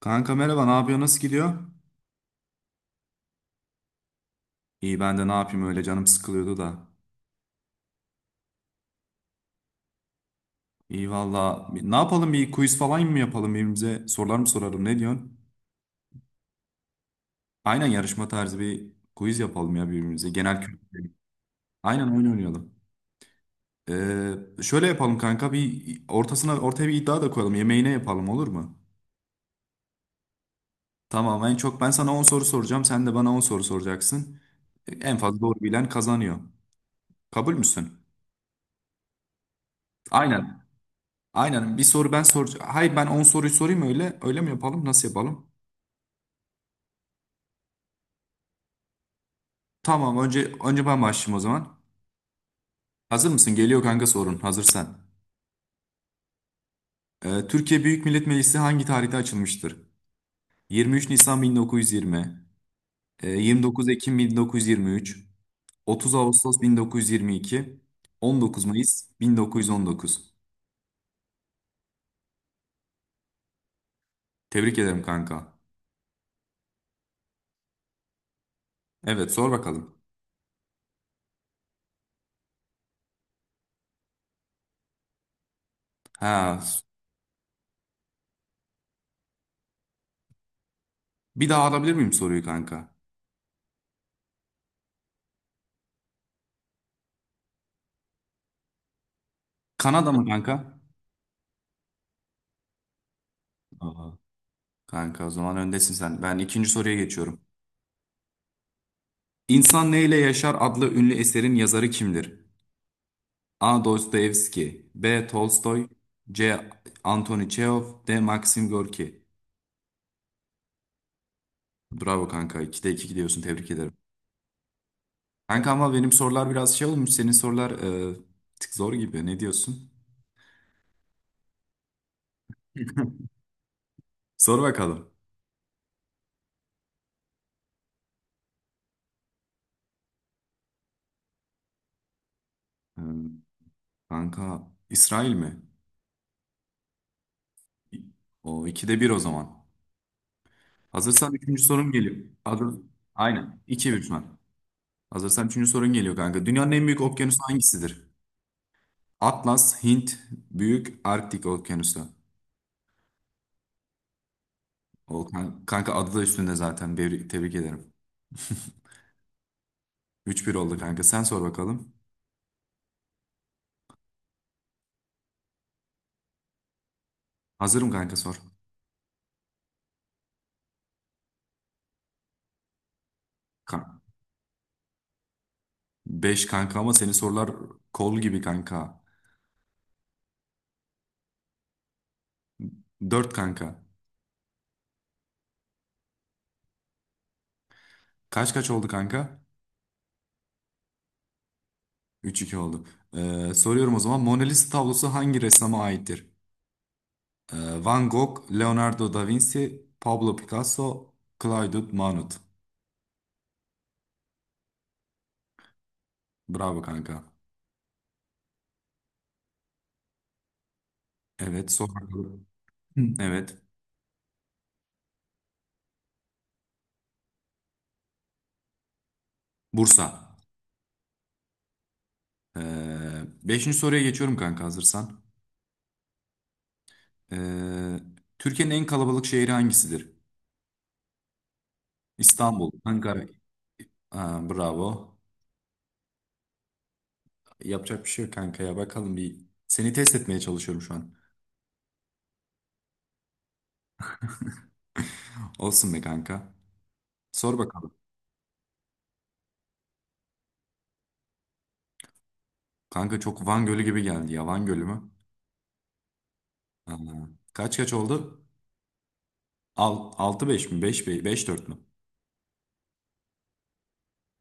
Kanka merhaba, ne yapıyor? Nasıl gidiyor? İyi ben de ne yapayım öyle canım sıkılıyordu da. İyi valla. Ne yapalım bir quiz falan mı yapalım birbirimize? Sorular mı soralım ne diyorsun? Aynen yarışma tarzı bir quiz yapalım ya birbirimize. Genel kültür. Aynen oyun oynayalım. Şöyle yapalım kanka bir ortasına ortaya bir iddia da koyalım. Yemeğine yapalım olur mu? Tamam en çok ben sana 10 soru soracağım. Sen de bana 10 soru soracaksın. En fazla doğru bilen kazanıyor. Kabul müsün? Aynen. Aynen bir soru ben soracağım. Hayır ben 10 soruyu sorayım öyle. Öyle mi yapalım? Nasıl yapalım? Tamam önce ben başlayayım o zaman. Hazır mısın? Geliyor kanka sorun. Hazırsan. Türkiye Büyük Millet Meclisi hangi tarihte açılmıştır? 23 Nisan 1920, 29 Ekim 1923, 30 Ağustos 1922, 19 Mayıs 1919. Tebrik ederim kanka. Evet sor bakalım. Ha, bir daha alabilir miyim soruyu kanka? Kanada mı kanka? Aa. Kanka o zaman öndesin sen. Ben ikinci soruya geçiyorum. İnsan Neyle Yaşar adlı ünlü eserin yazarı kimdir? A. Dostoyevski B. Tolstoy C. Anthony Çehov D. Maxim Gorki. Bravo kanka. 2'de 2 gidiyorsun. Tebrik ederim. Kanka ama benim sorular biraz şey olmuş. Senin sorular bir tık zor gibi. Ne diyorsun? Sor bakalım. E, kanka İsrail mi? O 2'de bir o zaman. Hazırsan üçüncü sorum geliyor. Hazır. Aynen. iki bir şu an. Hazırsan üçüncü sorun geliyor kanka. Dünyanın en büyük okyanusu hangisidir? Atlas, Hint, Büyük Arktik Okyanusu. O kanka adı da üstünde zaten. Bir, tebrik ederim. Üç bir oldu kanka. Sen sor bakalım. Hazırım kanka sor. Ka 5 kanka ama senin sorular kol gibi kanka. 4 kanka. Kaç kaç oldu kanka? Üç iki oldu. Soruyorum o zaman. Mona Lisa tablosu hangi ressama aittir? Van Gogh, Leonardo da Vinci, Pablo Picasso, Claude Monet. Bravo kanka. Evet, sor bakalım. Hı, evet, Bursa. Ee, beşinci soruya geçiyorum kanka hazırsan. Ee, Türkiye'nin en kalabalık şehri hangisidir? İstanbul, Ankara. Aa, bravo. Yapacak bir şey yok kanka ya. Bakalım bir seni test etmeye çalışıyorum şu an. Olsun be kanka. Sor bakalım. Kanka çok Van Gölü gibi geldi ya. Van Gölü mü? Aa, kaç kaç oldu? Altı beş mi? Beş dört mü?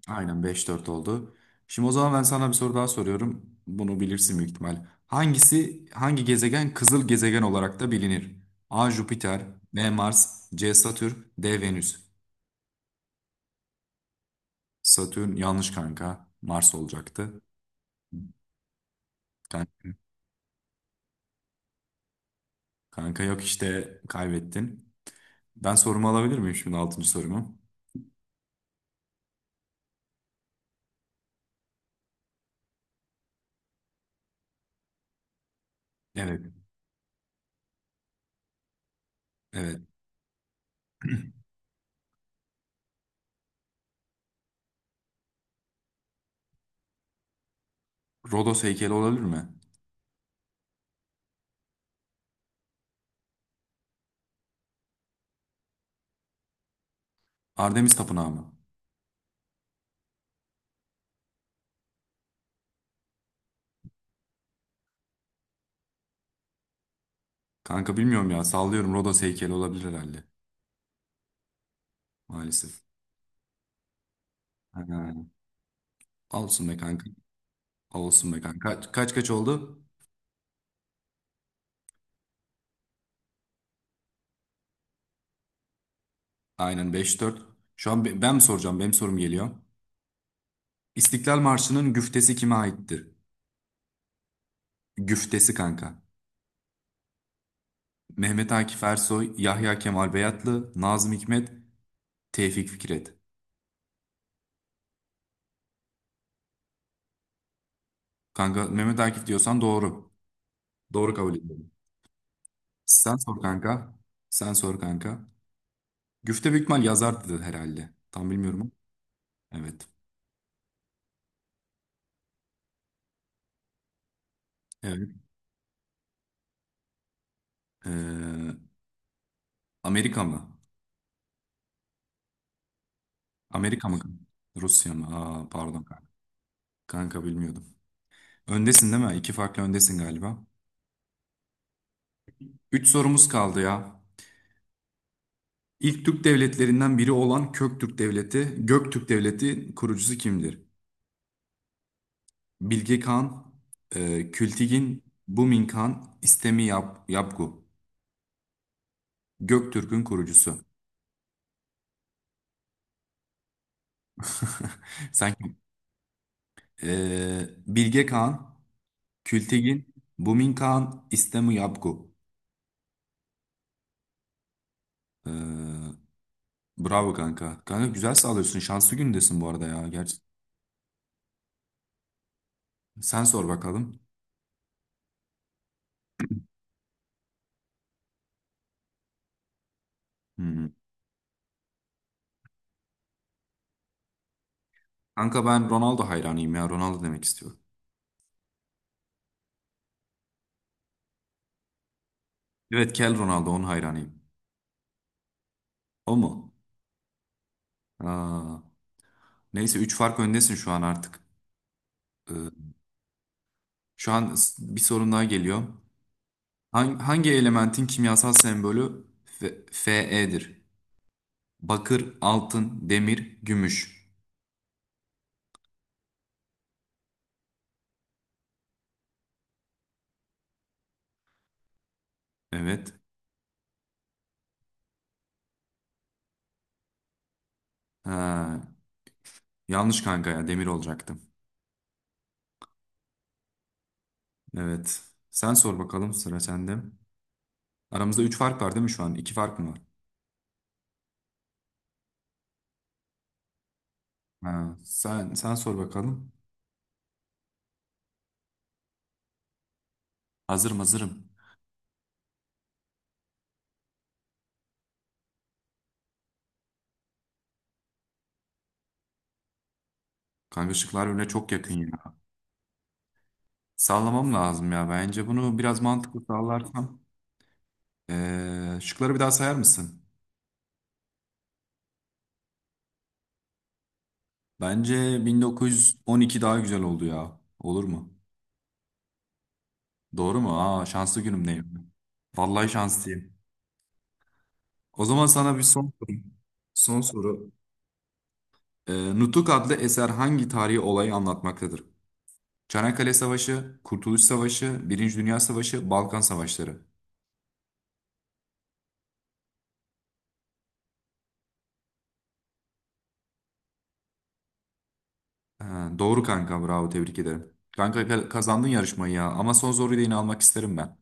Aynen beş dört oldu. Şimdi o zaman ben sana bir soru daha soruyorum. Bunu bilirsin büyük ihtimal. Hangi gezegen kızıl gezegen olarak da bilinir? A. Jüpiter, B. Mars, C. Satürn, D. Venüs. Satürn yanlış kanka. Mars olacaktı. Kan- Kanka, yok işte kaybettin. Ben sorumu alabilir miyim şimdi altıncı sorumu? Evet. Evet. Rodos heykeli olabilir mi? Artemis Tapınağı mı? Kanka bilmiyorum ya sallıyorum Rodos heykeli olabilir herhalde. Maalesef. Ha, olsun be kanka. Olsun be kanka. Kaç kaç, kaç oldu? Aynen beş dört. Şu an ben mi soracağım? Benim sorum geliyor. İstiklal Marşı'nın güftesi kime aittir? Güftesi kanka. Mehmet Akif Ersoy, Yahya Kemal Beyatlı, Nazım Hikmet, Tevfik Fikret. Kanka Mehmet Akif diyorsan doğru. Doğru kabul ediyorum. Sen sor kanka. Sen sor kanka. Güfte büyük ihtimal yazardı herhalde. Tam bilmiyorum ama. Evet. Evet. Ee, Amerika mı? Amerika mı? Rusya mı? Aa, pardon kanka. Kanka bilmiyordum. Öndesin değil mi? İki farklı öndesin galiba. Üç sorumuz kaldı ya. İlk Türk devletlerinden biri olan Köktürk Devleti, Göktürk Devleti kurucusu kimdir? Bilge Kağan, Kültigin, Bumin Kağan, İstemi Yapgu. Göktürk'ün kurucusu. Sanki e, Bilge Kağan, Kültigin, Bumin Kağan, İstemi Yapgu. E, bravo kanka. Kanka güzel sağlıyorsun. Şanslı gündesin bu arada ya. Gerçi sen sor bakalım. Hmm. Kanka ben Ronaldo hayranıyım ya. Ronaldo demek istiyorum. Evet Kel Ronaldo onun hayranıyım. O mu? Aa, neyse 3 fark öndesin şu an artık. Ee, şu an bir sorun daha geliyor. Hangi elementin kimyasal sembolü Fe'dir? Bakır, altın, demir, gümüş. Evet. Ha, yanlış kanka ya demir olacaktım. Evet. Sen sor bakalım sıra sende. Aramızda 3 fark var değil mi şu an? 2 fark mı var? Ha, sen sor bakalım. Hazırım hazırım. Kanka şıklar öyle çok yakın ya. Sallamam lazım ya. Bence bunu biraz mantıklı sallarsam. Şıkları bir daha sayar mısın? Bence 1912 daha güzel oldu ya. Olur mu? Doğru mu? Aa şanslı günümdeyim. Vallahi şanslıyım. O zaman sana bir son soru. Son soru. Nutuk adlı eser hangi tarihi olayı anlatmaktadır? Çanakkale Savaşı, Kurtuluş Savaşı, Birinci Dünya Savaşı, Balkan Savaşları. Ha, doğru kanka bravo tebrik ederim. Kanka kazandın yarışmayı ya ama son soruyu da yine almak isterim ben.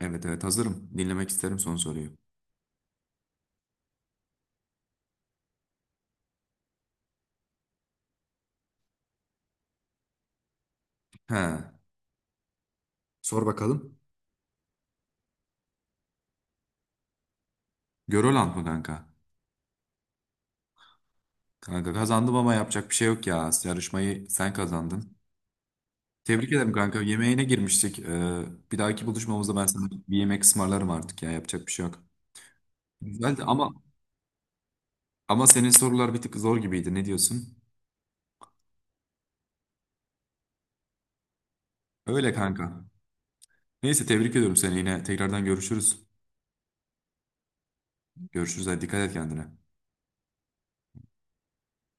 Evet evet hazırım. Dinlemek isterim son soruyu. He. Sor bakalım. Görolant mı kanka? Kanka kazandım ama yapacak bir şey yok ya. Yarışmayı sen kazandın. Tebrik ederim kanka. Yemeğine girmiştik. Bir dahaki buluşmamızda ben sana bir yemek ısmarlarım artık ya. Yapacak bir şey yok. Güzeldi ama senin sorular bir tık zor gibiydi. Ne diyorsun? Öyle kanka. Neyse tebrik ediyorum seni yine. Tekrardan görüşürüz. Görüşürüz. Hadi dikkat et kendine.